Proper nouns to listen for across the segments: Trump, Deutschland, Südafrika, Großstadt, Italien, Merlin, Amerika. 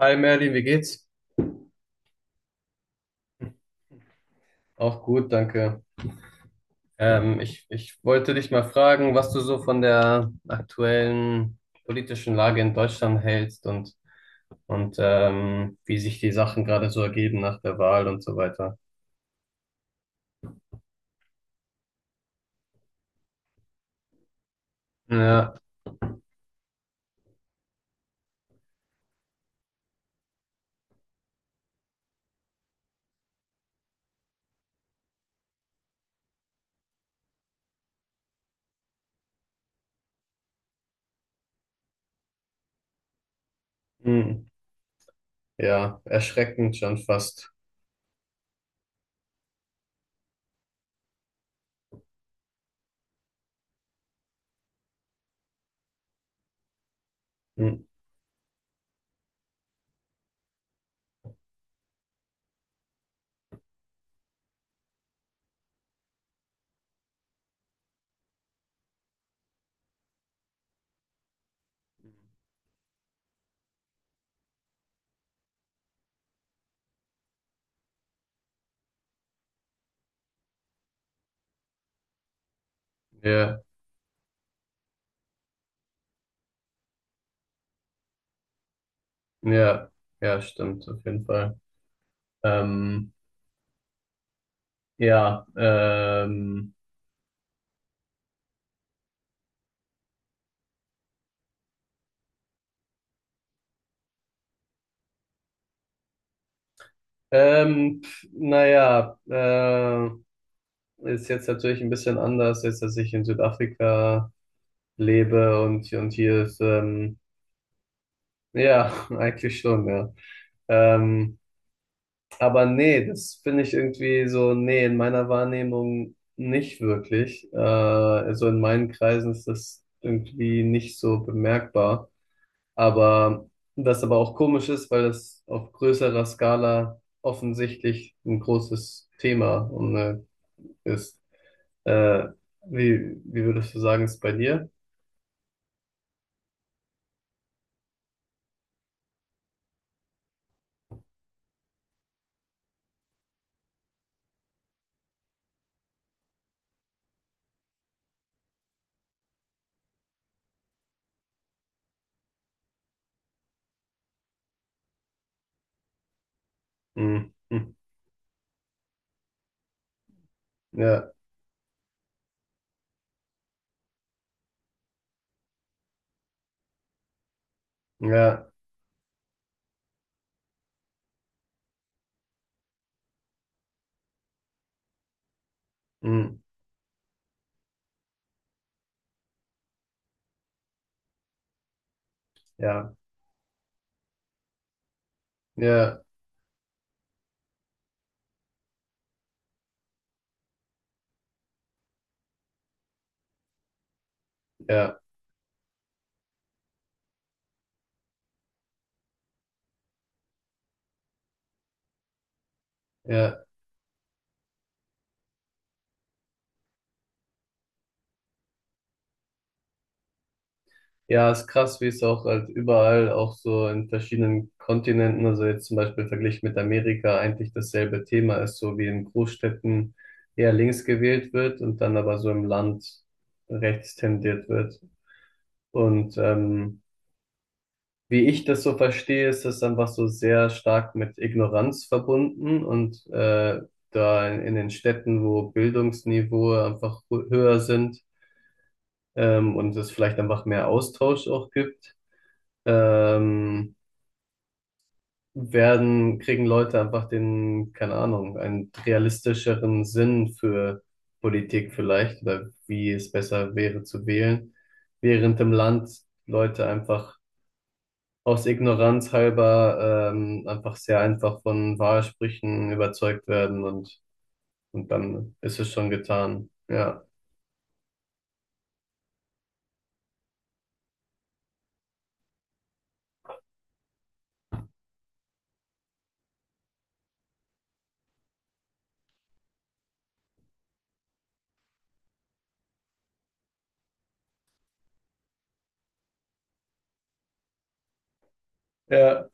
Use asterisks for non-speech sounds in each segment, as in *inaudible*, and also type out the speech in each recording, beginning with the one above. Hi Merlin, wie geht's? Auch gut, danke. Ich wollte dich mal fragen, was du so von der aktuellen politischen Lage in Deutschland hältst und wie sich die Sachen gerade so ergeben nach der Wahl und so weiter. Ja, hm, ja, erschreckend schon fast. Hm, ja, ja, ja, stimmt, auf jeden Fall. Ähm, ja, ähm, naja, ist jetzt natürlich ein bisschen anders, jetzt, dass ich in Südafrika lebe und hier ist, ja, *laughs* eigentlich schon, ja. Ähm, aber nee, das finde ich irgendwie so, nee, in meiner Wahrnehmung nicht wirklich. Also in meinen Kreisen ist das irgendwie nicht so bemerkbar. Aber das aber auch komisch ist, weil das auf größerer Skala offensichtlich ein großes Thema und ist. Äh, wie würdest du sagen, ist bei dir? Hm, ja, ja, hm, ja, ja, ja, ja. Ja, ist krass, wie es auch halt überall, auch so in verschiedenen Kontinenten, also jetzt zum Beispiel verglichen mit Amerika, eigentlich dasselbe Thema ist, so wie in Großstädten eher links gewählt wird und dann aber so im Land rechts tendiert wird. Und ähm, Wie ich das so verstehe, ist das einfach so sehr stark mit Ignoranz verbunden und da in den Städten, wo Bildungsniveau einfach höher sind und es vielleicht einfach mehr Austausch auch gibt, ähm, kriegen Leute einfach den, keine Ahnung, einen realistischeren Sinn für Politik vielleicht oder wie es besser wäre zu wählen, während im Land Leute einfach aus Ignoranz halber einfach sehr einfach von Wahlsprüchen überzeugt werden, und dann ist es schon getan. Ja, ja,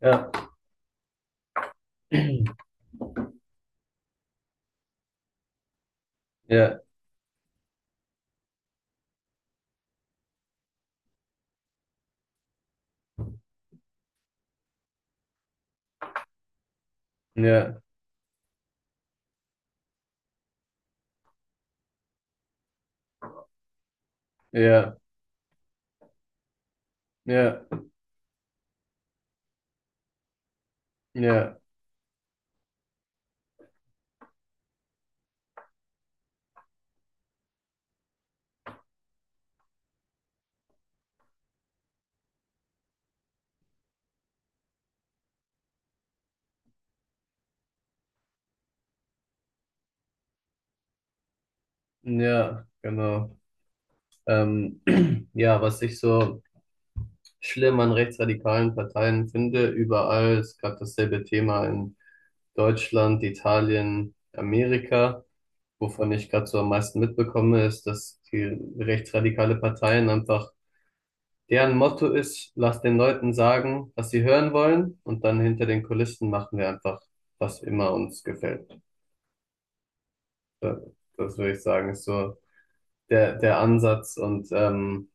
ja, *clears throat* ja, ja, ja, ja, ja, ja, genau. Ähm, *clears throat* ja, was ich so schlimm an rechtsradikalen Parteien finde, überall ist gerade dasselbe Thema in Deutschland, Italien, Amerika. Wovon ich gerade so am meisten mitbekomme, ist, dass die rechtsradikale Parteien einfach, deren Motto ist, lass den Leuten sagen, was sie hören wollen, und dann hinter den Kulissen machen wir einfach, was immer uns gefällt. Das, das würde ich sagen, ist so der Ansatz und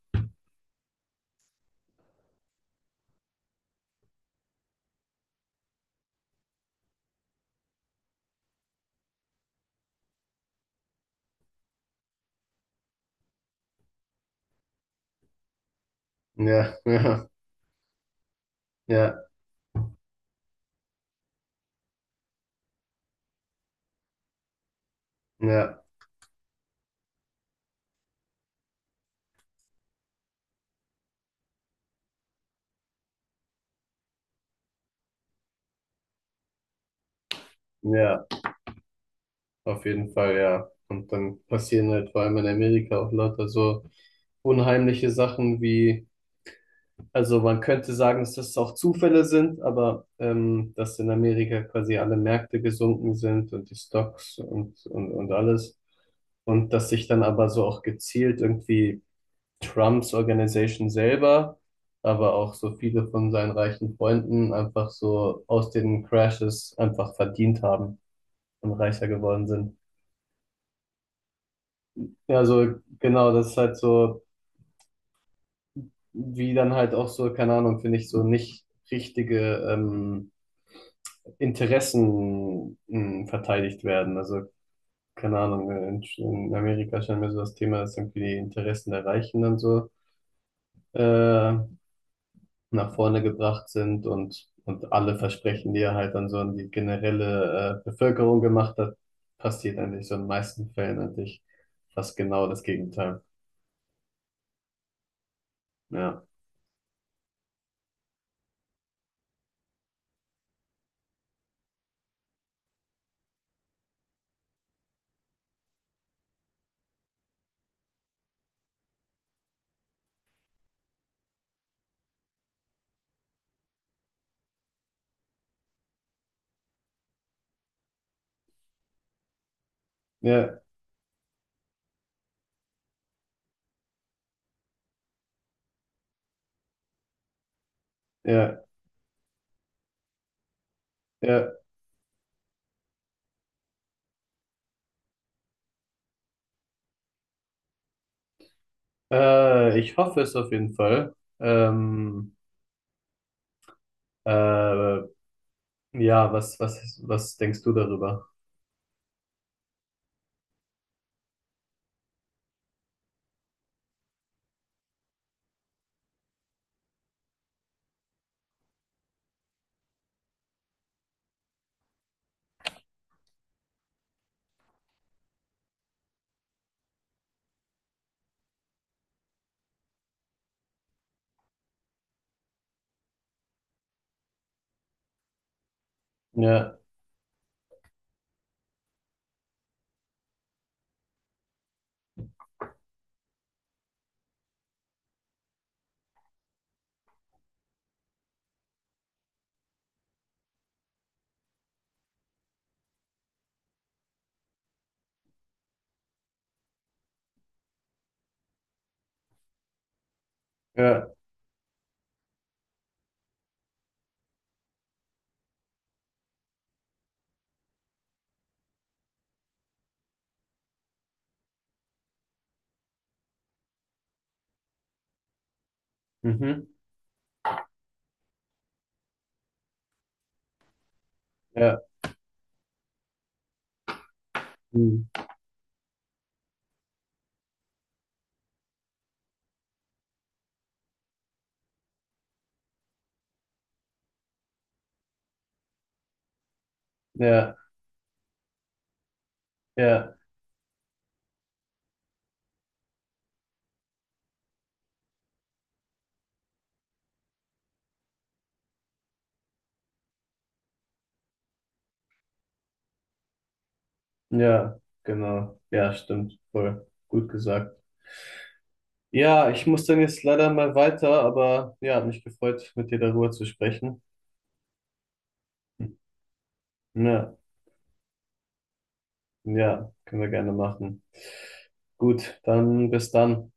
ja, *laughs* ja, ja, ja, ja, auf jeden Fall, ja. Und dann passieren halt vor allem in Amerika auch lauter so unheimliche Sachen wie: Also man könnte sagen, dass das auch Zufälle sind, aber dass in Amerika quasi alle Märkte gesunken sind und die Stocks und alles. Und dass sich dann aber so auch gezielt irgendwie Trumps Organisation selber, aber auch so viele von seinen reichen Freunden einfach so aus den Crashes einfach verdient haben und reicher geworden sind. Ja, so genau, das ist halt so, wie dann halt auch so, keine Ahnung, finde ich, so nicht richtige, Interessen mh verteidigt werden. Also, keine Ahnung, in Amerika scheint mir so das Thema, dass irgendwie die Interessen der Reichen dann so äh, nach vorne gebracht sind und alle Versprechen, die er halt dann so an die generelle Bevölkerung gemacht hat, passiert eigentlich so in den meisten Fällen eigentlich fast genau das Gegenteil. Ja, ja, ja, ja. Ich hoffe es auf jeden Fall. Äh, ja, was denkst du darüber? Ja. Ja, mhm, ja, mhm. Ja, ja, ja, genau. Ja, stimmt. Voll gut gesagt. Ja, ich muss dann jetzt leider mal weiter, aber ja, hat mich gefreut, mit dir darüber zu sprechen. Ja, ja, können wir gerne machen. Gut, dann bis dann.